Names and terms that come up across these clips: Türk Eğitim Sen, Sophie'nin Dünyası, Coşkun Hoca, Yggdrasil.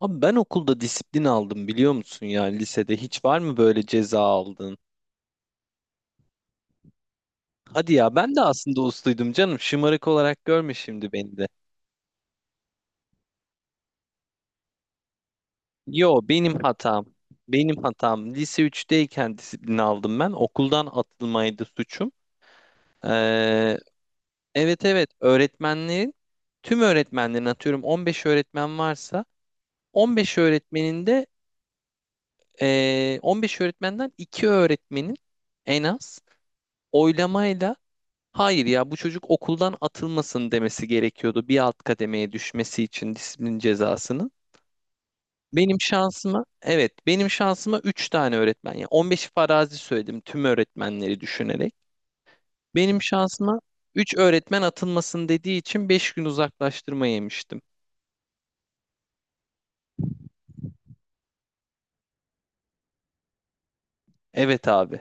Abi ben okulda disiplin aldım biliyor musun ya? Lisede hiç var mı, böyle ceza aldın? Hadi ya, ben de aslında usluydum canım, şımarık olarak görme şimdi beni de. Yo, benim hatam. Benim hatam. Lise üçteyken disiplin aldım ben. Okuldan atılmaydı suçum. Ee, evet evet, tüm öğretmenlerin, atıyorum 15 öğretmen varsa, 15 öğretmenin de 15 öğretmenden 2 öğretmenin en az oylamayla, hayır ya, bu çocuk okuldan atılmasın demesi gerekiyordu bir alt kademeye düşmesi için disiplin cezasını. Benim şansıma, evet, benim şansıma 3 tane öğretmen, ya 15 farazi söyledim tüm öğretmenleri düşünerek. Benim şansıma 3 öğretmen atılmasın dediği için 5 gün uzaklaştırma yemiştim. Evet abi,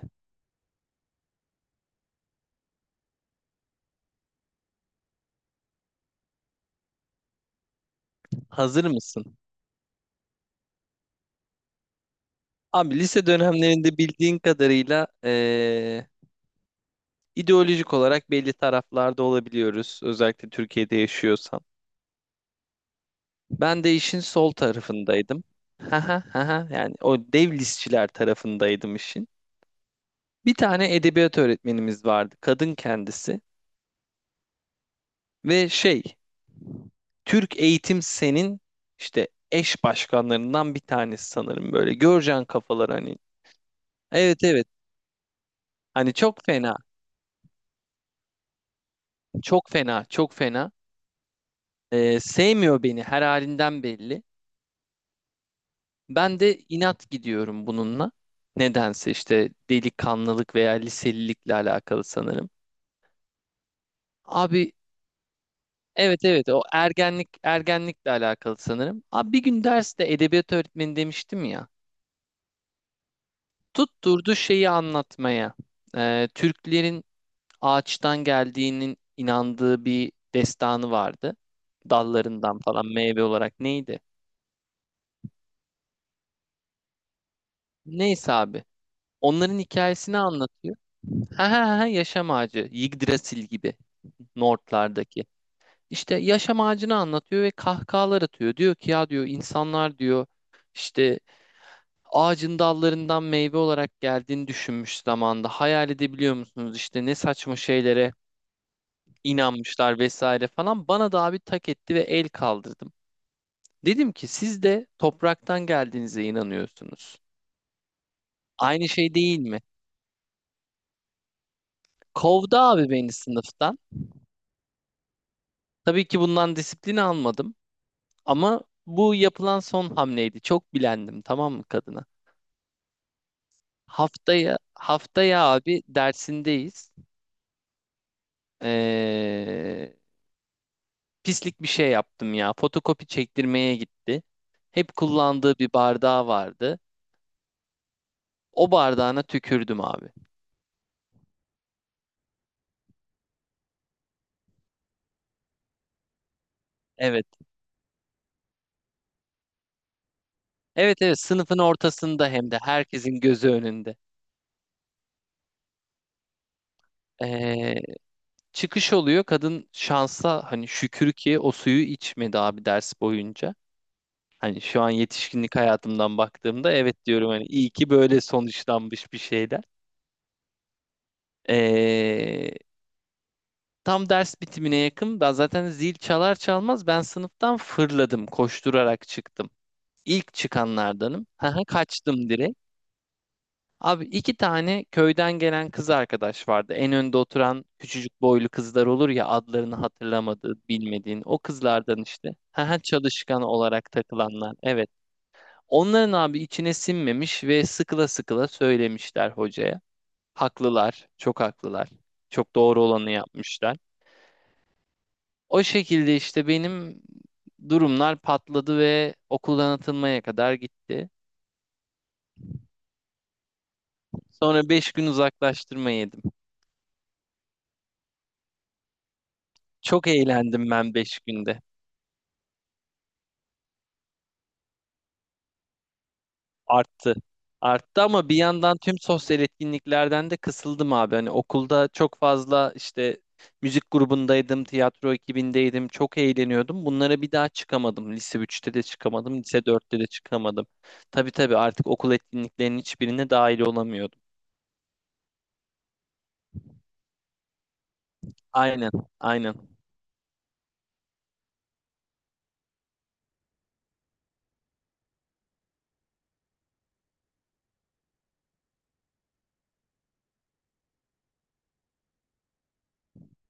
hazır mısın? Abi, lise dönemlerinde bildiğin kadarıyla ideolojik olarak belli taraflarda olabiliyoruz, özellikle Türkiye'de yaşıyorsan. Ben de işin sol tarafındaydım. Haha, haha. Yani o dev listçiler tarafındaydım işin. Bir tane edebiyat öğretmenimiz vardı, kadın kendisi ve Türk Eğitim Sen'in işte eş başkanlarından bir tanesi sanırım, böyle. Göreceğin kafalar hani. Evet evet. Hani çok fena, çok fena, çok fena. Sevmiyor beni, her halinden belli. Ben de inat gidiyorum bununla. Nedense işte delikanlılık veya liselilikle alakalı sanırım. Abi, evet evet, o ergenlik, ergenlikle alakalı sanırım. Abi bir gün derste, edebiyat öğretmeni demiştim ya, tutturdu şeyi anlatmaya. Türklerin ağaçtan geldiğinin inandığı bir destanı vardı. Dallarından falan meyve olarak neydi? Neyse abi. Onların hikayesini anlatıyor. Ha ha ha, yaşam ağacı. Yggdrasil gibi, Nordlardaki. İşte yaşam ağacını anlatıyor ve kahkahalar atıyor. Diyor ki ya, diyor, insanlar, diyor, işte ağacın dallarından meyve olarak geldiğini düşünmüş zamanda. Hayal edebiliyor musunuz? İşte ne saçma şeylere inanmışlar vesaire falan. Bana da abi tak etti ve el kaldırdım. Dedim ki siz de topraktan geldiğinize inanıyorsunuz. Aynı şey değil mi? Kovdu abi beni sınıftan. Tabii ki bundan disiplin almadım ama bu yapılan son hamleydi. Çok bilendim tamam mı kadına? Haftaya abi dersindeyiz. Ee, Pislik bir şey yaptım ya. Fotokopi çektirmeye gitti. Hep kullandığı bir bardağı vardı. O bardağına tükürdüm abi. Evet. Evet evet, sınıfın ortasında hem de, herkesin gözü önünde. Ee, Çıkış oluyor. Kadın şansa, hani şükür ki o suyu içmedi abi ders boyunca. Hani şu an yetişkinlik hayatımdan baktığımda evet diyorum, hani iyi ki böyle sonuçlanmış bir şeyler. Ee, Tam ders bitimine yakın, zaten zil çalar çalmaz ben sınıftan fırladım, koşturarak çıktım. İlk çıkanlardanım. Haha, kaçtım direkt. Abi iki tane köyden gelen kız arkadaş vardı. En önde oturan küçücük boylu kızlar olur ya, adlarını hatırlamadığın, bilmediğin, o kızlardan işte. Haha, çalışkan olarak takılanlar. Evet. Onların abi içine sinmemiş ve sıkıla sıkıla söylemişler hocaya. Haklılar, çok haklılar. Çok doğru olanı yapmışlar. O şekilde işte benim durumlar patladı ve okuldan atılmaya kadar gitti. Sonra 5 gün uzaklaştırma yedim. Çok eğlendim ben 5 günde. Arttı. Arttı ama bir yandan tüm sosyal etkinliklerden de kısıldım abi. Hani okulda çok fazla işte müzik grubundaydım, tiyatro ekibindeydim. Çok eğleniyordum. Bunlara bir daha çıkamadım. Lise üçte de çıkamadım, lise dörtte de çıkamadım. Tabii tabii, artık okul etkinliklerinin hiçbirine dahil olamıyordum. Aynen, aynen.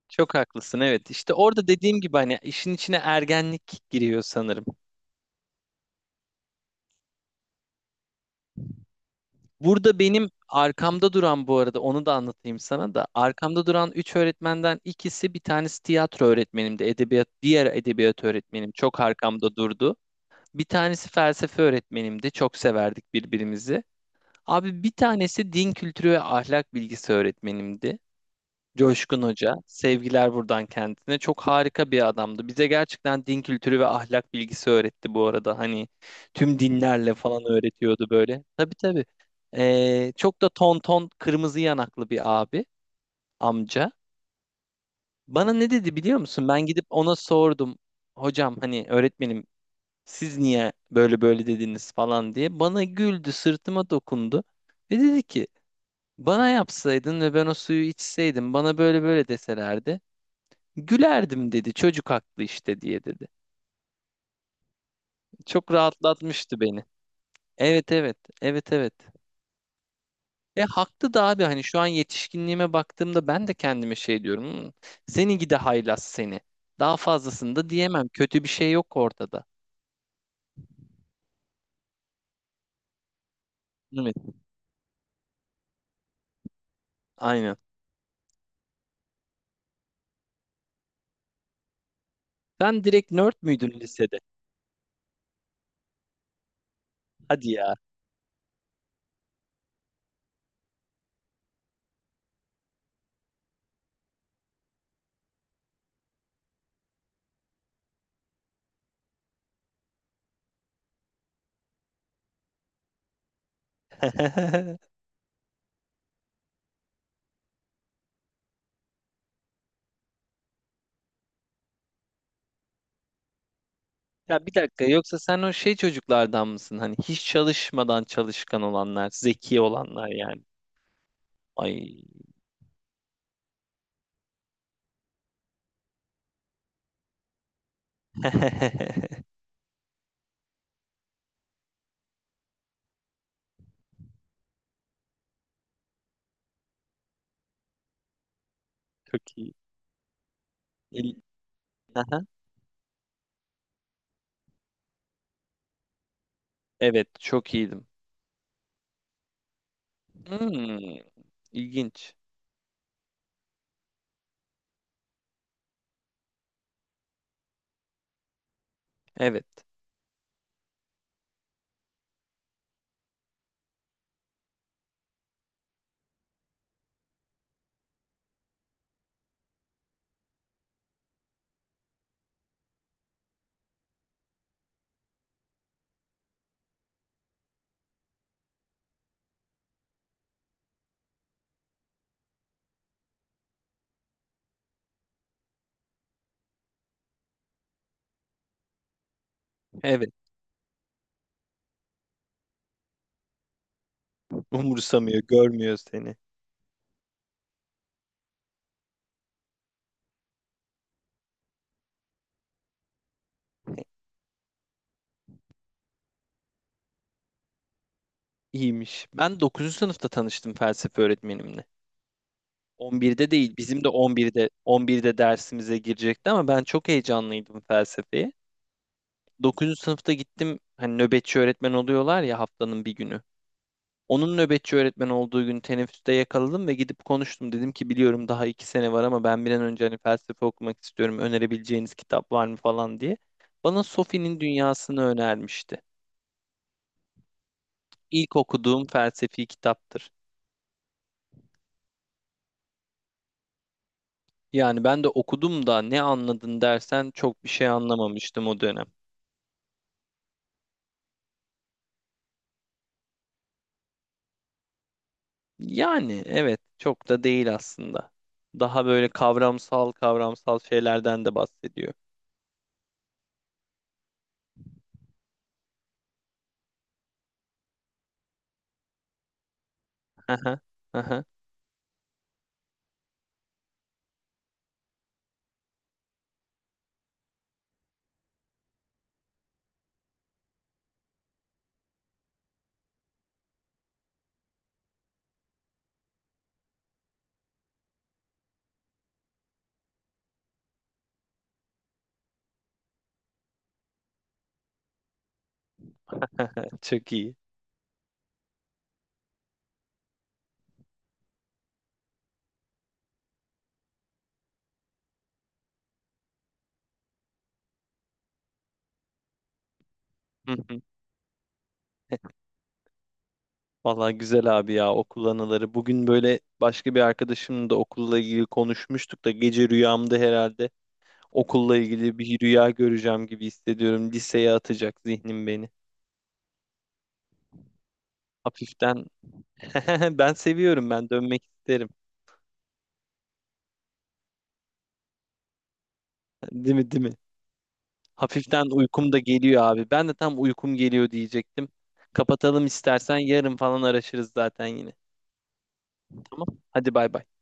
Çok haklısın, evet. İşte orada dediğim gibi, hani işin içine ergenlik giriyor sanırım. Burada benim arkamda duran, bu arada onu da anlatayım sana da. Arkamda duran üç öğretmenden ikisi, bir tanesi tiyatro öğretmenimdi. Edebiyat, diğer edebiyat öğretmenim çok arkamda durdu. Bir tanesi felsefe öğretmenimdi. Çok severdik birbirimizi. Abi bir tanesi din kültürü ve ahlak bilgisi öğretmenimdi. Coşkun Hoca. Sevgiler buradan kendisine. Çok harika bir adamdı. Bize gerçekten din kültürü ve ahlak bilgisi öğretti bu arada. Hani tüm dinlerle falan öğretiyordu böyle. Tabii tabii. Çok da ton ton kırmızı yanaklı bir abi, amca. Bana ne dedi biliyor musun? Ben gidip ona sordum. Hocam hani, öğretmenim, siz niye böyle böyle dediniz falan diye. Bana güldü, sırtıma dokundu. Ve dedi ki bana yapsaydın ve ben o suyu içseydim, bana böyle böyle deselerdi, gülerdim, dedi. Çocuk haklı işte, diye dedi. Çok rahatlatmıştı beni. Evet evet. Evet evet. E haklı da abi, hani şu an yetişkinliğime baktığımda ben de kendime şey diyorum. "Hmm, seni gide haylaz seni." Daha fazlasını da diyemem. Kötü bir şey yok ortada. Evet. Aynen. Sen direkt nerd müydün lisede? Hadi ya. Ya bir dakika, yoksa sen o şey çocuklardan mısın? Hani hiç çalışmadan çalışkan olanlar, zeki olanlar yani. Ay. Çok iyi. İl- Evet, çok iyiydim. Hmm, ilginç. Evet, evet. Umursamıyor, görmüyor seni. İyiymiş. Ben dokuzuncu sınıfta tanıştım felsefe öğretmenimle. 11'de değil, bizim de 11'de dersimize girecekti ama ben çok heyecanlıydım felsefeye. Dokuzuncu sınıfta gittim, hani nöbetçi öğretmen oluyorlar ya haftanın bir günü. Onun nöbetçi öğretmen olduğu gün teneffüste yakaladım ve gidip konuştum. Dedim ki biliyorum daha 2 sene var ama ben bir an önce hani felsefe okumak istiyorum, önerebileceğiniz kitap var mı falan diye. Bana Sophie'nin Dünyası'nı önermişti. İlk okuduğum felsefi kitaptır. Yani ben de okudum da, ne anladın dersen, çok bir şey anlamamıştım o dönem. Yani evet, çok da değil aslında. Daha böyle kavramsal kavramsal şeylerden de bahsediyor. Aha, aha, çok iyi. Hı hı. Vallahi güzel abi ya, okul anıları. Bugün böyle başka bir arkadaşımla da okulla ilgili konuşmuştuk da, gece rüyamda herhalde okulla ilgili bir rüya göreceğim gibi hissediyorum. Liseye atacak zihnim beni. Hafiften ben seviyorum, ben dönmek isterim. Değil mi, değil mi? Hafiften uykum da geliyor abi. Ben de tam uykum geliyor diyecektim. Kapatalım istersen, yarın falan araşırız zaten yine. Tamam. Hadi bay bay.